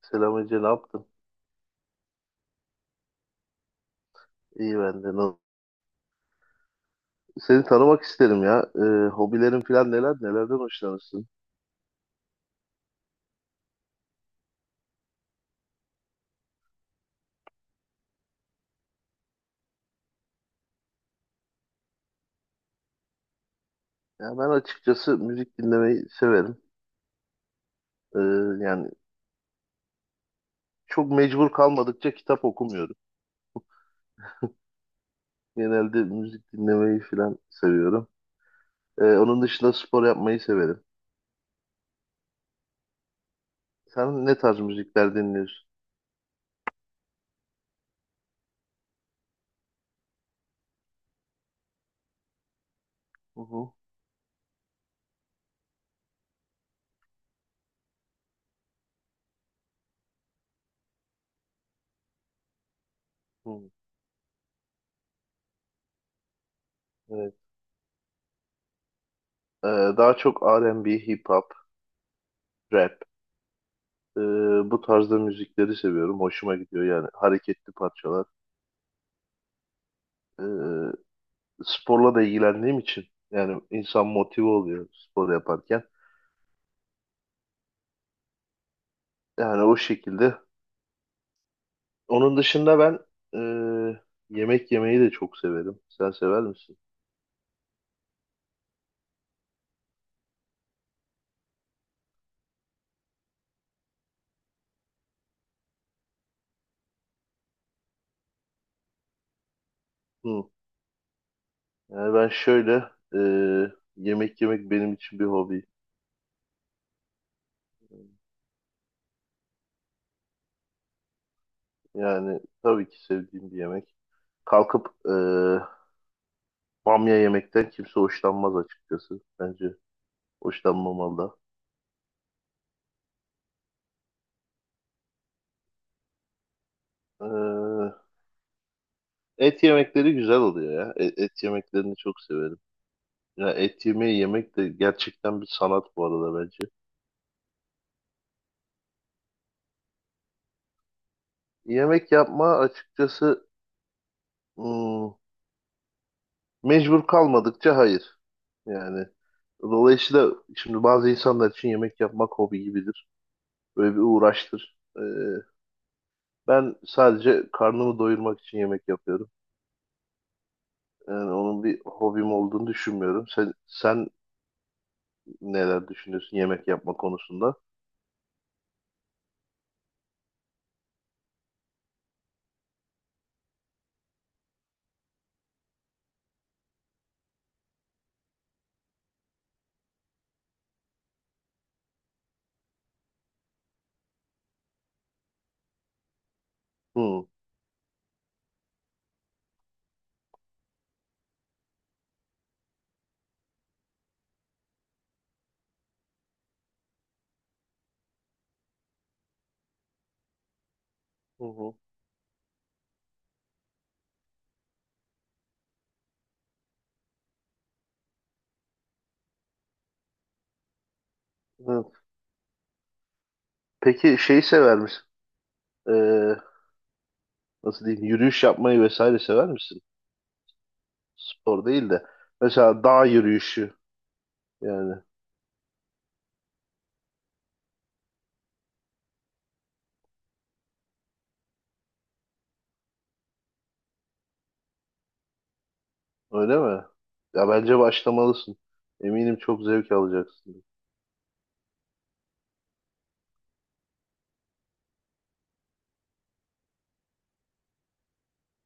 Selam Ece, ne yaptın? İyi ben de. Nasıl? Seni tanımak isterim ya. Hobilerin falan neler, nelerden hoşlanırsın? Ya ben açıkçası müzik dinlemeyi severim. Ee, Yani çok mecbur kalmadıkça kitap okumuyorum. Genelde müzik dinlemeyi falan seviyorum. Onun dışında spor yapmayı severim. Sen ne tarz müzikler dinliyorsun? Hı hı. Hı, evet. Ee, Daha çok R&B, hip hop, rap. Ee, Bu tarzda müzikleri seviyorum. Hoşuma gidiyor, yani hareketli parçalar. Ee, Sporla da ilgilendiğim için yani insan motive oluyor spor yaparken. Yani o şekilde. Onun dışında ben e, yemek yemeyi de çok severim. Sen sever misin? Hı. Yani ben şöyle yemek yemek benim için bir hobi. Yani tabii ki sevdiğim bir yemek. Kalkıp bamya yemekten kimse hoşlanmaz açıkçası. Bence hoşlanmamalı da. E, et yemekleri güzel oluyor ya. Et, yemeklerini çok severim. Ya et yemeği yemek de gerçekten bir sanat bu arada bence. Yemek yapma açıkçası hmm, mecbur kalmadıkça hayır. Yani dolayısıyla şimdi bazı insanlar için yemek yapmak hobi gibidir. Böyle bir uğraştır. Ben sadece karnımı doyurmak için yemek yapıyorum. Yani onun bir hobim olduğunu düşünmüyorum. Sen neler düşünüyorsun yemek yapma konusunda? Hı, hı, hı. Hı. Peki şeyi sever misin? Ee, Nasıl diyeyim? Yürüyüş yapmayı vesaire sever misin? Spor değil de mesela dağ yürüyüşü yani, öyle mi? Ya bence başlamalısın. Eminim çok zevk alacaksın.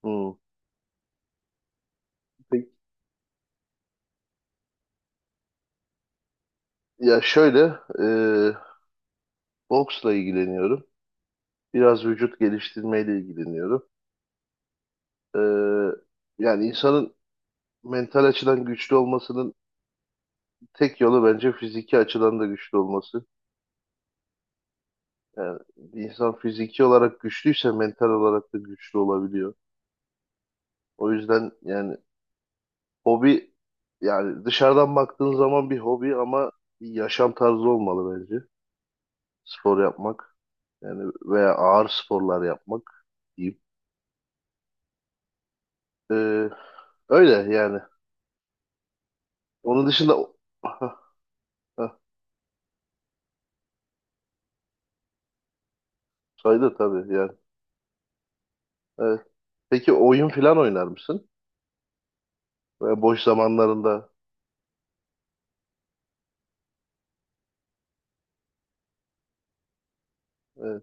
Hmm. Peki, ya şöyle e, boksla ilgileniyorum. Biraz vücut geliştirmeyle ilgileniyorum. E, Yani insanın mental açıdan güçlü olmasının tek yolu bence fiziki açıdan da güçlü olması. Yani bir insan fiziki olarak güçlüyse mental olarak da güçlü olabiliyor. O yüzden yani hobi, yani dışarıdan baktığın zaman bir hobi, ama bir yaşam tarzı olmalı bence. Spor yapmak, yani veya ağır sporlar yapmak diyeyim. Ee, Öyle yani. Onun dışında saydı tabii yani. Evet. Peki oyun falan oynar mısın? Veya boş zamanlarında, evet.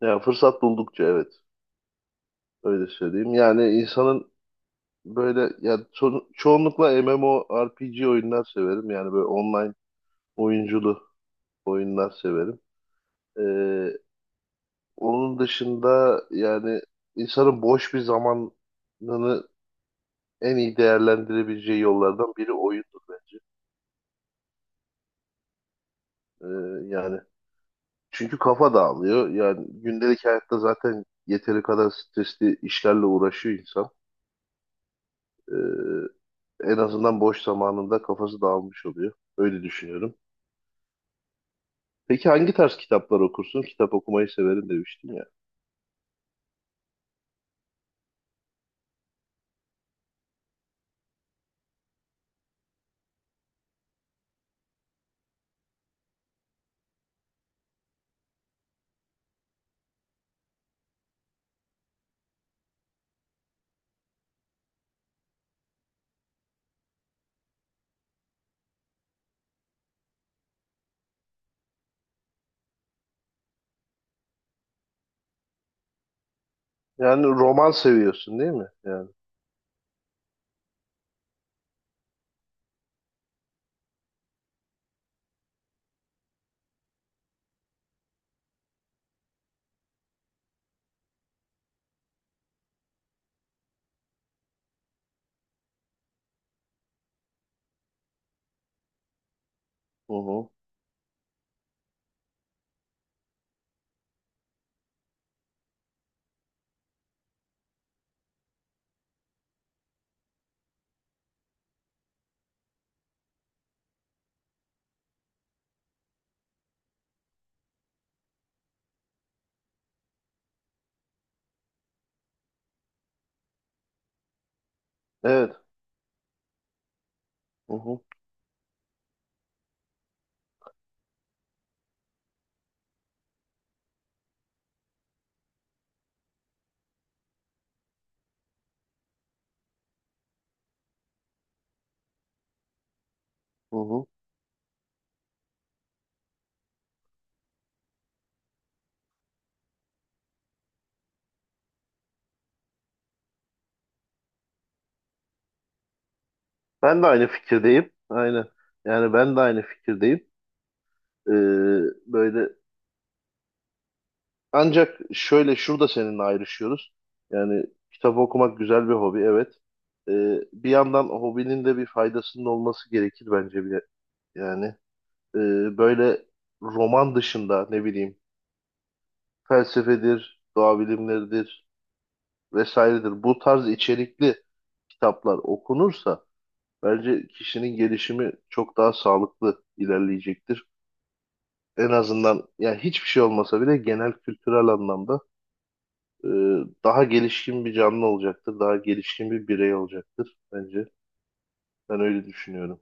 Ya fırsat buldukça evet. Öyle söyleyeyim. Yani insanın böyle, yani çoğunlukla MMORPG oyunlar severim. Yani böyle online oyunculu oyunlar severim. Ee, Onun dışında yani insanın boş bir zamanını en iyi değerlendirebileceği yollardan biri oyundur bence. Ee, Yani çünkü kafa dağılıyor. Yani gündelik hayatta zaten yeteri kadar stresli işlerle uğraşıyor insan. Ee, En azından boş zamanında kafası dağılmış oluyor. Öyle düşünüyorum. Peki hangi tarz kitaplar okursun? Kitap okumayı severim demiştin ya. Yani roman seviyorsun değil mi? Yani. Hı hı. Evet. Hı hı. Hı hı. Ben de aynı fikirdeyim. Aynen. Yani ben de aynı fikirdeyim. Ee, Böyle ancak şöyle şurada seninle ayrışıyoruz. Yani kitap okumak güzel bir hobi, evet. Bir yandan hobinin de bir faydasının olması gerekir bence bile. Yani e, böyle roman dışında ne bileyim, felsefedir, doğa bilimleridir vesairedir. Bu tarz içerikli kitaplar okunursa bence kişinin gelişimi çok daha sağlıklı ilerleyecektir. En azından yani hiçbir şey olmasa bile genel kültürel anlamda e, daha gelişkin bir canlı olacaktır. Daha gelişkin bir birey olacaktır bence. Ben öyle düşünüyorum.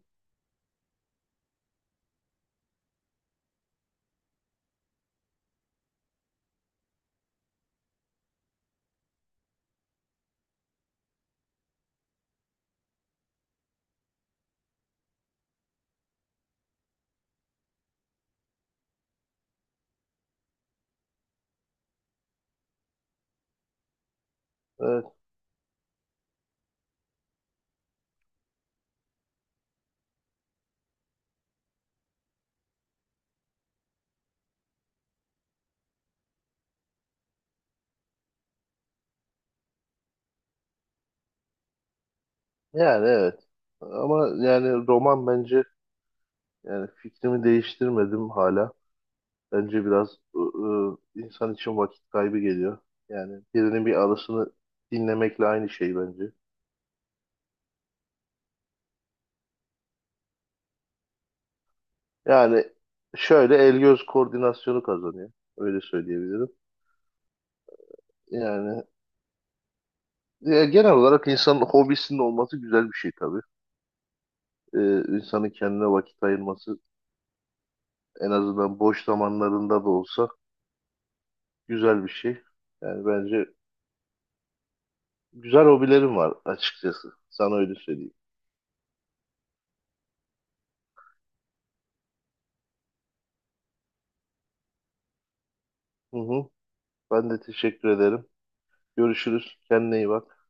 Evet, yani evet. Ama yani roman bence, yani fikrimi değiştirmedim hala. Bence biraz insan için vakit kaybı geliyor. Yani birinin bir arasını dinlemekle aynı şey bence. Yani şöyle el göz koordinasyonu kazanıyor. Öyle söyleyebilirim. Yani ya genel olarak insanın hobisinin olması güzel bir şey tabii. İnsanın kendine vakit ayırması, en azından boş zamanlarında da olsa, güzel bir şey. Yani bence güzel hobilerim var açıkçası. Sana öyle söyleyeyim. Hı hı. Ben de teşekkür ederim. Görüşürüz. Kendine iyi bak.